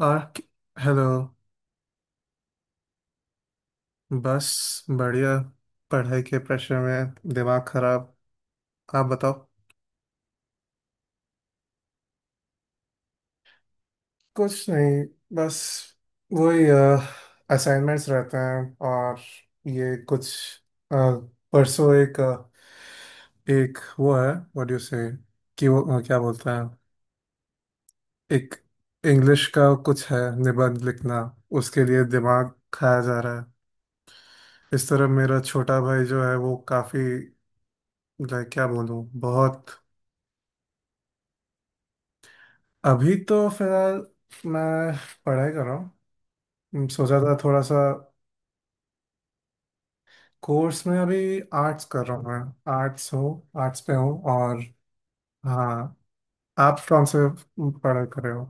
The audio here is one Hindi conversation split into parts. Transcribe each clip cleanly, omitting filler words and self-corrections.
और हेलो। बस बढ़िया। पढ़ाई के प्रेशर में दिमाग खराब। आप बताओ। कुछ नहीं, बस वही असाइनमेंट्स रहते हैं। और ये कुछ अ, परसों एक एक वो है, व्हाट यू से, कि वो क्या बोलते हैं, एक इंग्लिश का कुछ है, निबंध लिखना। उसके लिए दिमाग खाया जा रहा है। इस तरह मेरा छोटा भाई जो है वो काफी, लाइक क्या बोलूं, बहुत। अभी तो फिलहाल मैं पढ़ाई कर रहा हूँ। सोचा था थोड़ा सा। कोर्स में अभी आर्ट्स कर रहा हूँ, मैं आर्ट्स हो, आर्ट्स पे हूँ। और हाँ, आप कौन से पढ़ाई कर रहे हो।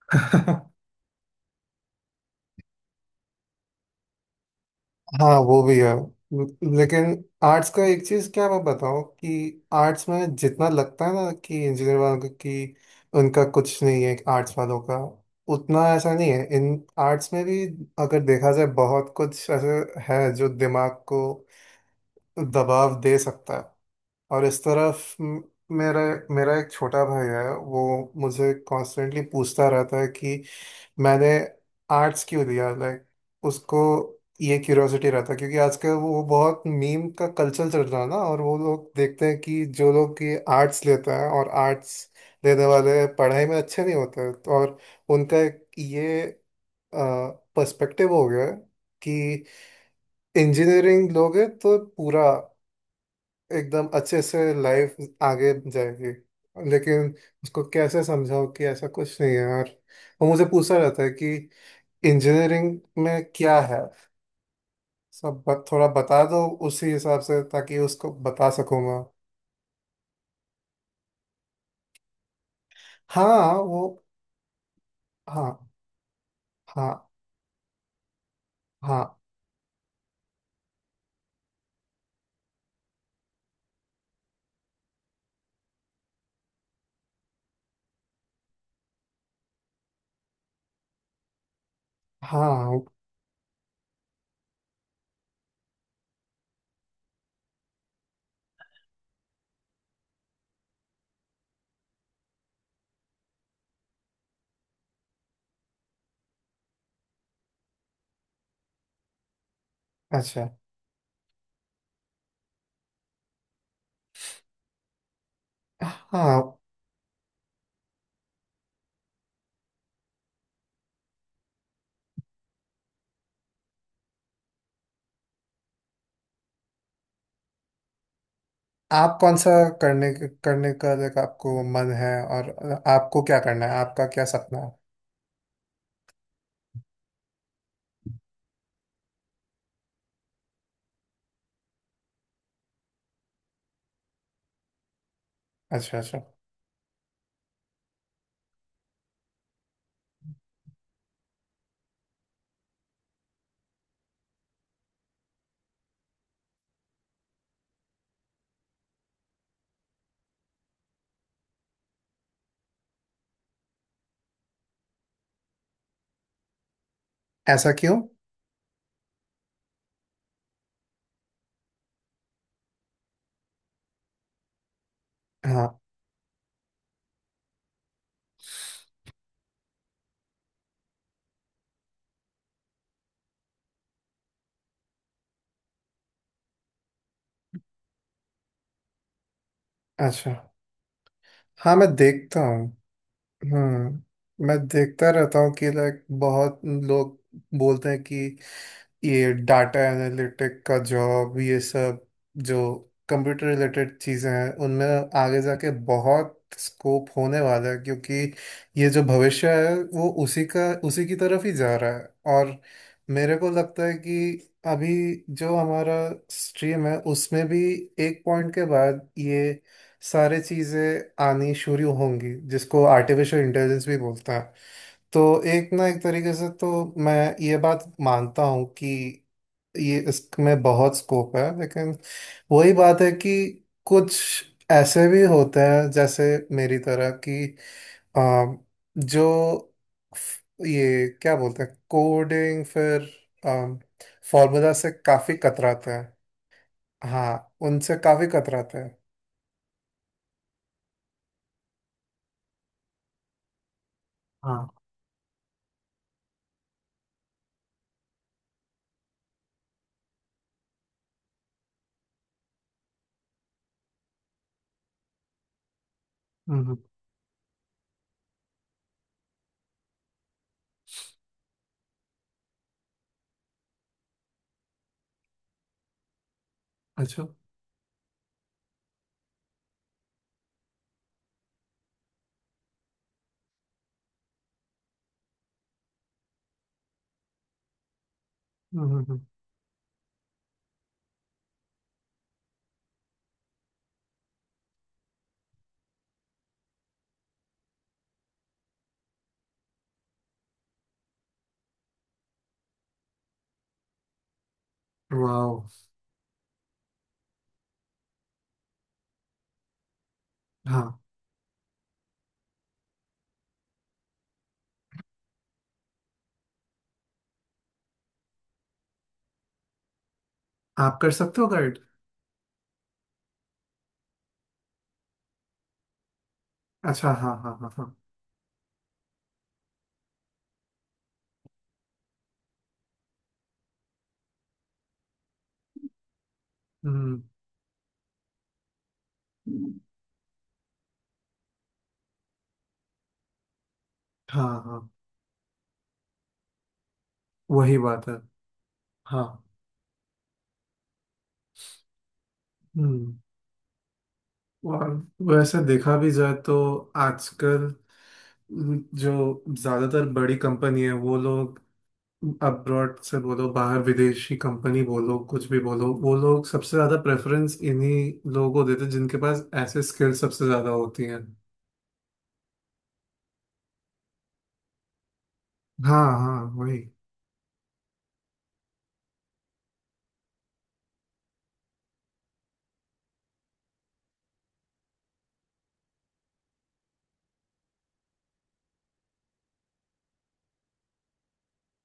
हाँ वो भी है। लेकिन आर्ट्स का एक चीज़ क्या मैं बताऊँ कि आर्ट्स में जितना लगता है ना कि इंजीनियर वालों को कि उनका कुछ नहीं है, आर्ट्स वालों का उतना ऐसा नहीं है। इन आर्ट्स में भी अगर देखा जाए बहुत कुछ ऐसे है जो दिमाग को दबाव दे सकता है। और इस तरफ म- मेरा मेरा एक छोटा भाई है, वो मुझे कॉन्स्टेंटली पूछता रहता है कि मैंने आर्ट्स क्यों लिया। लाइक उसको ये क्यूरियोसिटी रहता है क्योंकि आजकल वो बहुत मीम का कल्चर चल रहा है ना, और वो लोग देखते हैं कि जो लोग ये आर्ट्स लेते हैं और आर्ट्स लेने वाले पढ़ाई में अच्छे नहीं होते। तो और उनका एक ये पर्सपेक्टिव हो गया है कि इंजीनियरिंग लोगे तो पूरा एकदम अच्छे से लाइफ आगे जाएगी। लेकिन उसको कैसे समझाओ कि ऐसा कुछ नहीं है यार। वो मुझे पूछा रहता है कि इंजीनियरिंग में क्या है। थोड़ा बता दो उसी हिसाब से ताकि उसको बता सकूं मैं। हाँ वो। हाँ, हाँ, हाँ, हाँ। अच्छा। हाँ। आप कौन सा करने करने का लाइक आपको मन है। और आपको क्या करना है, आपका क्या सपना है। अच्छा, अच्छा। ऐसा क्यों। हाँ। अच्छा, हाँ मैं देखता हूँ। हम्म, मैं देखता रहता हूँ कि लाइक बहुत लोग बोलते हैं कि ये डाटा एनालिटिक का जॉब, ये सब जो कंप्यूटर रिलेटेड चीज़ें हैं उनमें आगे जाके बहुत स्कोप होने वाला है, क्योंकि ये जो भविष्य है वो उसी का, उसी की तरफ ही जा रहा है। और मेरे को लगता है कि अभी जो हमारा स्ट्रीम है उसमें भी एक पॉइंट के बाद ये सारी चीज़ें आनी शुरू होंगी जिसको आर्टिफिशियल इंटेलिजेंस भी बोलते हैं। तो एक ना एक तरीके से तो मैं ये बात मानता हूँ कि ये इसमें बहुत स्कोप है। लेकिन वही बात है कि कुछ ऐसे भी होते हैं, जैसे मेरी तरह कि आ, जो ये क्या बोलते हैं, कोडिंग फिर फॉर्मूला से काफी कतराते हैं। हाँ, उनसे काफी कतराते हैं। हाँ। हम्म। अच्छा। हम्म। वाओ। हाँ, आप कर सकते हो गाइड। अच्छा, हाँ, हाँ, हाँ, हाँ। हम्म। हाँ, हाँ, वही बात है। हाँ। हम्म। और वैसे देखा भी जाए तो आजकल जो ज्यादातर बड़ी कंपनी है, वो लोग अब्रॉड से बोलो, बाहर विदेशी कंपनी बोलो, कुछ भी बोलो, वो लोग सबसे ज्यादा प्रेफरेंस इन्हीं लोगों को देते हैं जिनके पास ऐसे स्किल्स सबसे ज्यादा होती हैं। हाँ, हाँ, वही।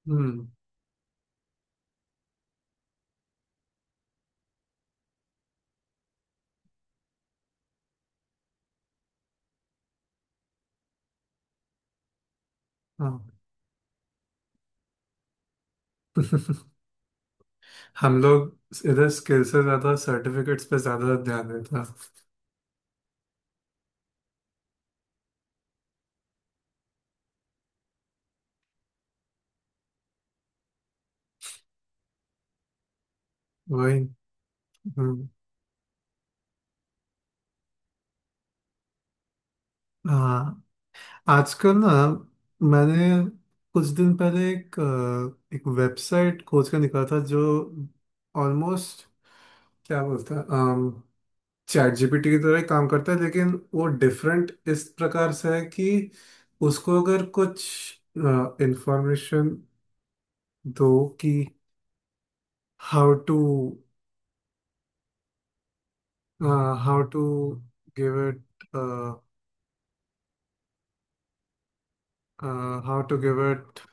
हम्म। हाँ। हम लोग इधर स्किल से ज्यादा सर्टिफिकेट्स पे ज्यादा ध्यान देता। वही। हम्म। हाँ, आजकल ना मैंने कुछ दिन पहले एक एक वेबसाइट खोज कर निकाला था जो ऑलमोस्ट क्या बोलते हैं, चैट जीपीटी की तरह ही काम करता है। लेकिन वो डिफरेंट इस प्रकार से है कि उसको अगर कुछ इंफॉर्मेशन दो कि how to how to give it how to give it,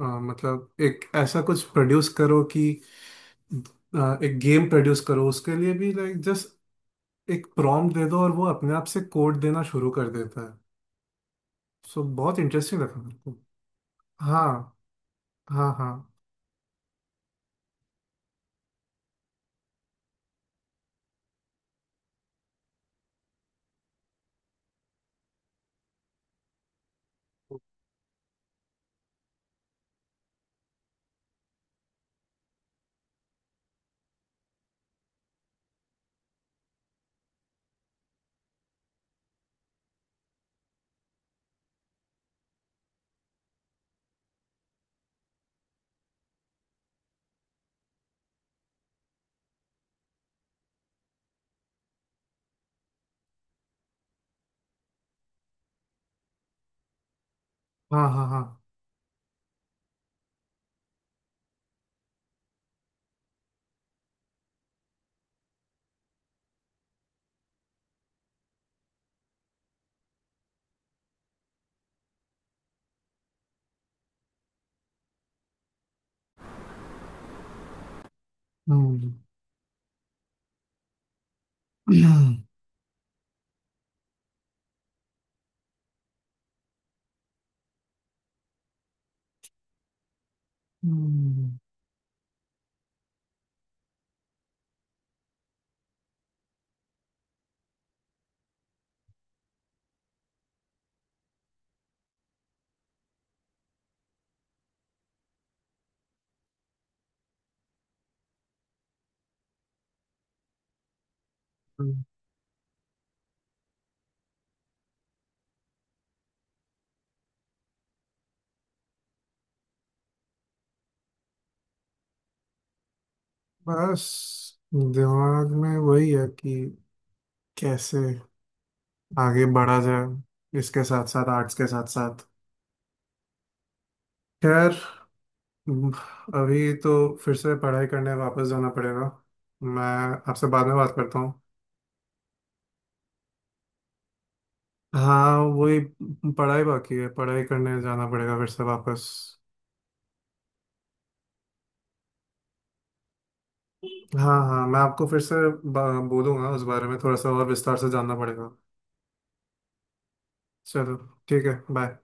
मतलब एक ऐसा कुछ प्रोड्यूस करो कि एक गेम प्रोड्यूस करो, उसके लिए भी लाइक जस्ट एक प्रॉम्प्ट दे दो और वो अपने आप से कोड देना शुरू कर देता है। सो बहुत इंटरेस्टिंग लगा मेरे को। हाँ, हाँ, हाँ। हाँ, हाँ, हाँ। हम्म। हम्म, बस दिमाग में वही है कि कैसे आगे बढ़ा जाए इसके साथ साथ, आर्ट्स के साथ साथ। खैर अभी तो फिर से पढ़ाई करने वापस जाना पड़ेगा। मैं आपसे बाद में बात करता हूँ। हाँ वही, पढ़ाई बाकी है, पढ़ाई करने जाना पड़ेगा फिर से वापस। हाँ हाँ, मैं आपको फिर से बोलूंगा, उस बारे में थोड़ा सा और विस्तार से जानना पड़ेगा। चलो ठीक है, बाय।